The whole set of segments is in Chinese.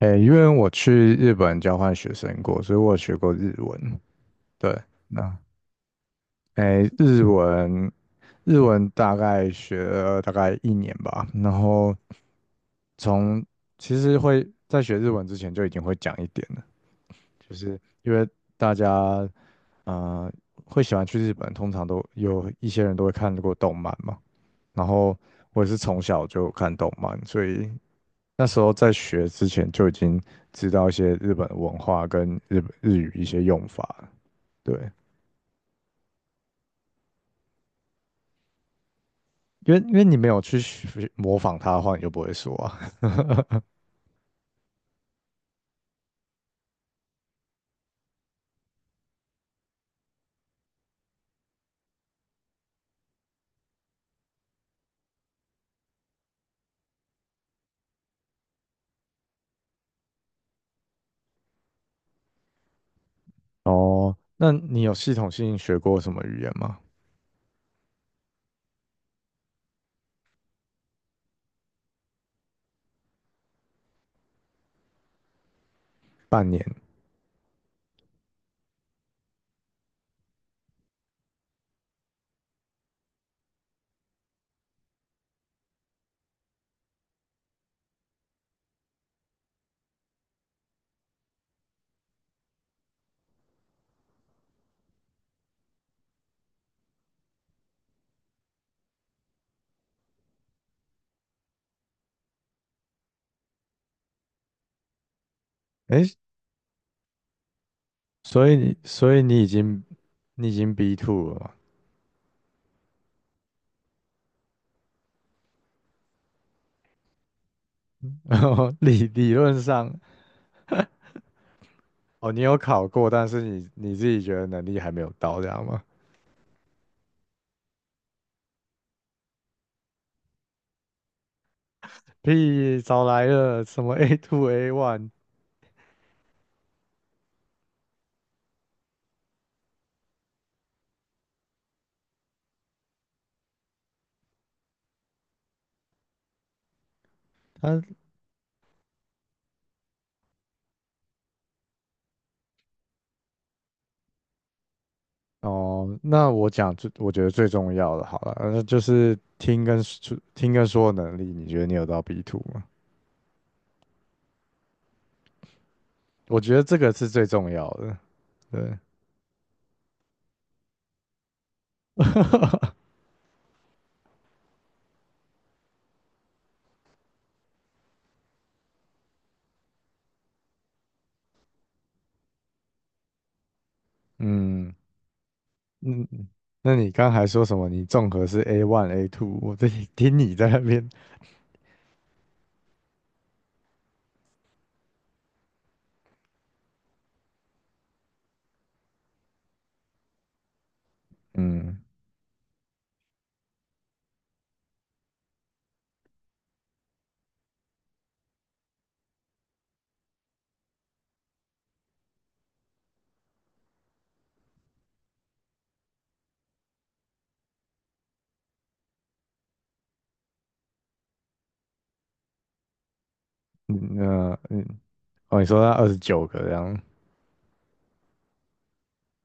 诶，因为我去日本交换学生过，所以我有学过日文。对，那诶，日文，日文大概学了大概1年吧。然后从其实会在学日文之前就已经会讲一点了，就是因为大家啊会喜欢去日本，通常都有一些人都会看过动漫嘛。然后我也是从小就看动漫，所以那时候在学之前就已经知道一些日本文化跟日本日语一些用法了，对，因为你没有去学模仿他的话，你就不会说啊。哦，那你有系统性学过什么语言吗？半年，诶，所以你已经 B two 了嘛？然后理论上，哦，你有考过，但是你自己觉得能力还没有到，这样吗？屁，早来了，什么 A2 A1，他哦，那我讲最，我觉得最重要的好了，那就是听跟说听跟说的能力，你觉得你有到 B two 吗？我觉得这个是最重要的。对，嗯嗯，那你刚才说什么？你综合是 A1 A2，听你在那边，嗯嗯嗯，哦，你说那29个这样，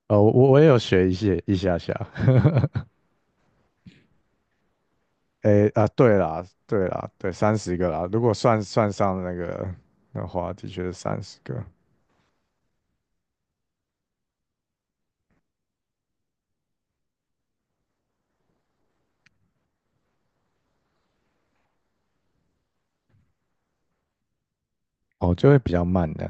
哦，我也有学一些一下下。诶啊，对啦，对啦，对，三十个啦，如果算上那个的话，的确是三十个。哦，就会比较慢的，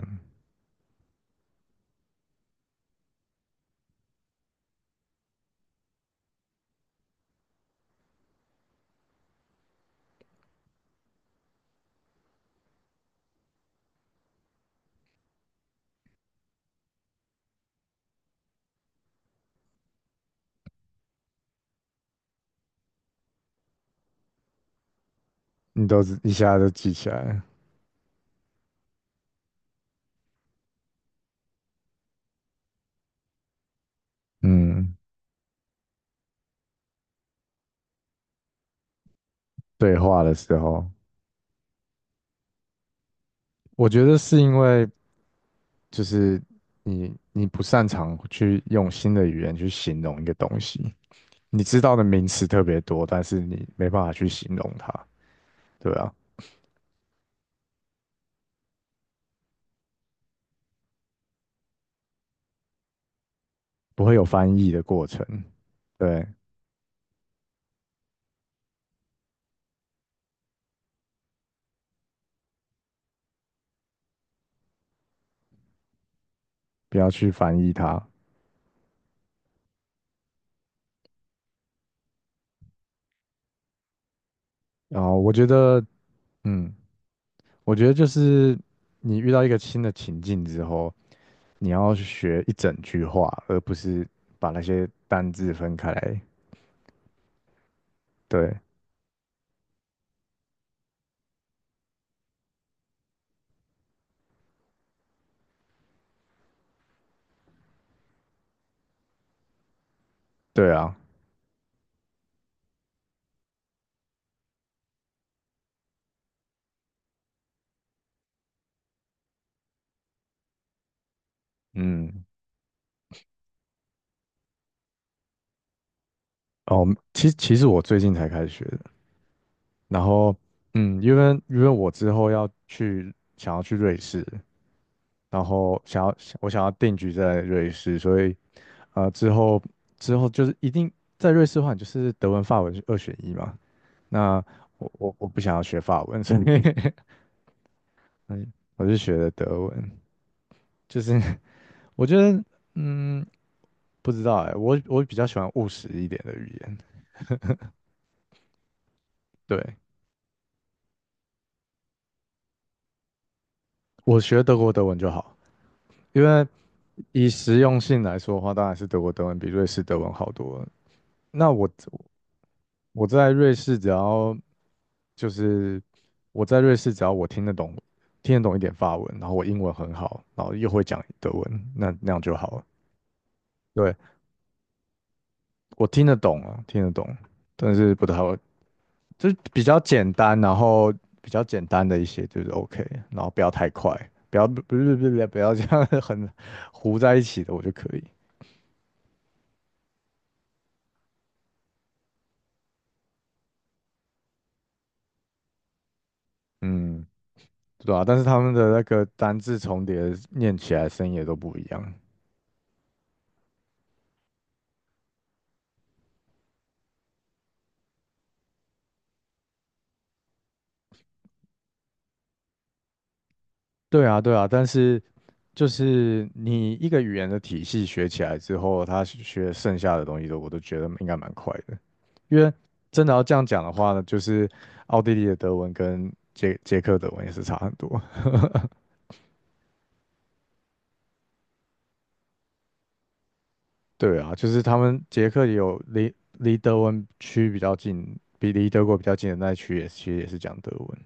你都是一下就记起来了。嗯，对话的时候，我觉得是因为就是你不擅长去用新的语言去形容一个东西，你知道的名词特别多，但是你没办法去形容它，对啊，不会有翻译的过程，对，不要去翻译它。然后我觉得，嗯，我觉得就是你遇到一个新的情境之后，你要去学一整句话，而不是把那些单字分开来。对，对啊，嗯，哦，其实我最近才开始学的。然后嗯，因为我之后想要去瑞士，然后我想要定居在瑞士，所以啊，之后就是一定在瑞士的话，你就是德文、法文是二选一嘛。那我不想要学法文，所以 嗯我就学的德文，就是 我觉得。嗯，不知道哎、我比较喜欢务实一点的语言。对，我学德国德文就好，因为以实用性来说的话，当然是德国德文比瑞士德文好多了。那我在瑞士，只要就是我在瑞士，只要我听得懂一点法文，然后我英文很好，然后又会讲德文，那那样就好了。对，我听得懂啊，听得懂，但是不太会，就是比较简单，然后比较简单的一些就是 OK，然后不要太快，不要不要这样 很糊在一起的，我就可以。嗯，对啊，但是他们的那个单字重叠念起来声音也都不一样。对啊，对啊，但是就是你一个语言的体系学起来之后，学剩下的东西都我都觉得应该蛮快的，因为真的要这样讲的话呢，就是奥地利的德文跟捷克德文也是差很多。对啊，就是他们捷克也有离德文区比较近，比离德国比较近的那一区也其实也是讲德文。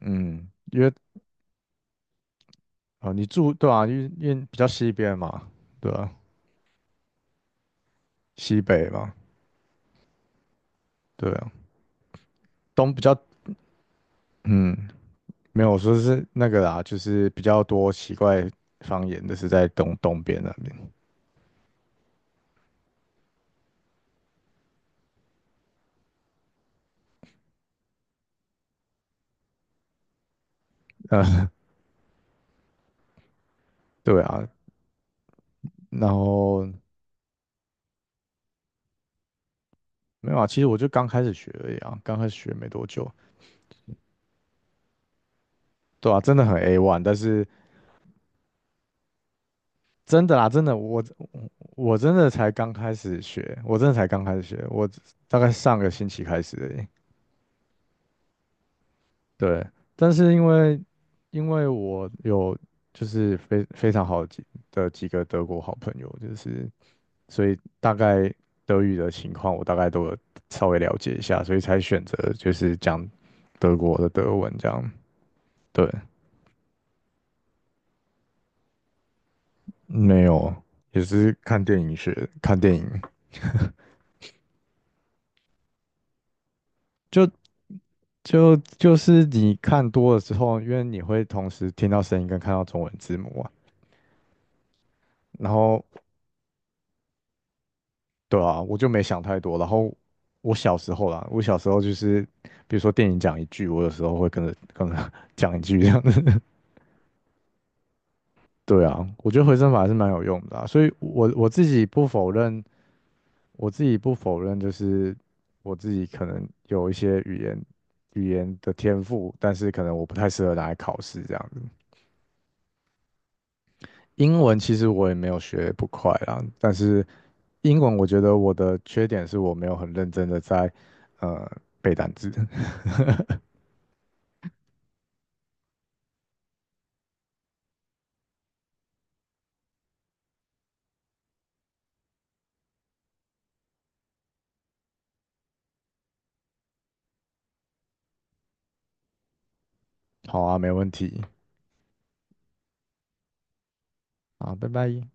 嗯，因为啊、对啊，因为比较西边嘛，对啊，西北嘛，对啊，东比较嗯，没有我说是那个啦，就是比较多奇怪方言的是在东边那边。呃，对啊，然后没有啊，其实我就刚开始学而已啊，刚开始学没多久，对啊，真的很 A one，但是。真的啦，真的，我真的才刚开始学，我真的才刚开始学，我大概上个星期开始而已。对，但是因为我有就是非常好的几个德国好朋友，就是所以大概德语的情况我大概都有稍微了解一下，所以才选择就是讲德国的德文这样。对，没有，也是看电影学，看电影。就就是你看多了之后，因为你会同时听到声音跟看到中文字幕啊，然后对啊，我就没想太多。然后我小时候啦，我小时候就是比如说电影讲一句，我有时候会跟着跟着 讲一句这样子。对啊，我觉得回声法还是蛮有用的啊，所以我自己不否认，我自己不否认，就是我自己可能有一些语言语言的天赋，但是可能我不太适合拿来考试这样子。英文其实我也没有学不快啦，但是英文我觉得我的缺点是我没有很认真的在呃背单词。好啊，没问题。好，拜拜。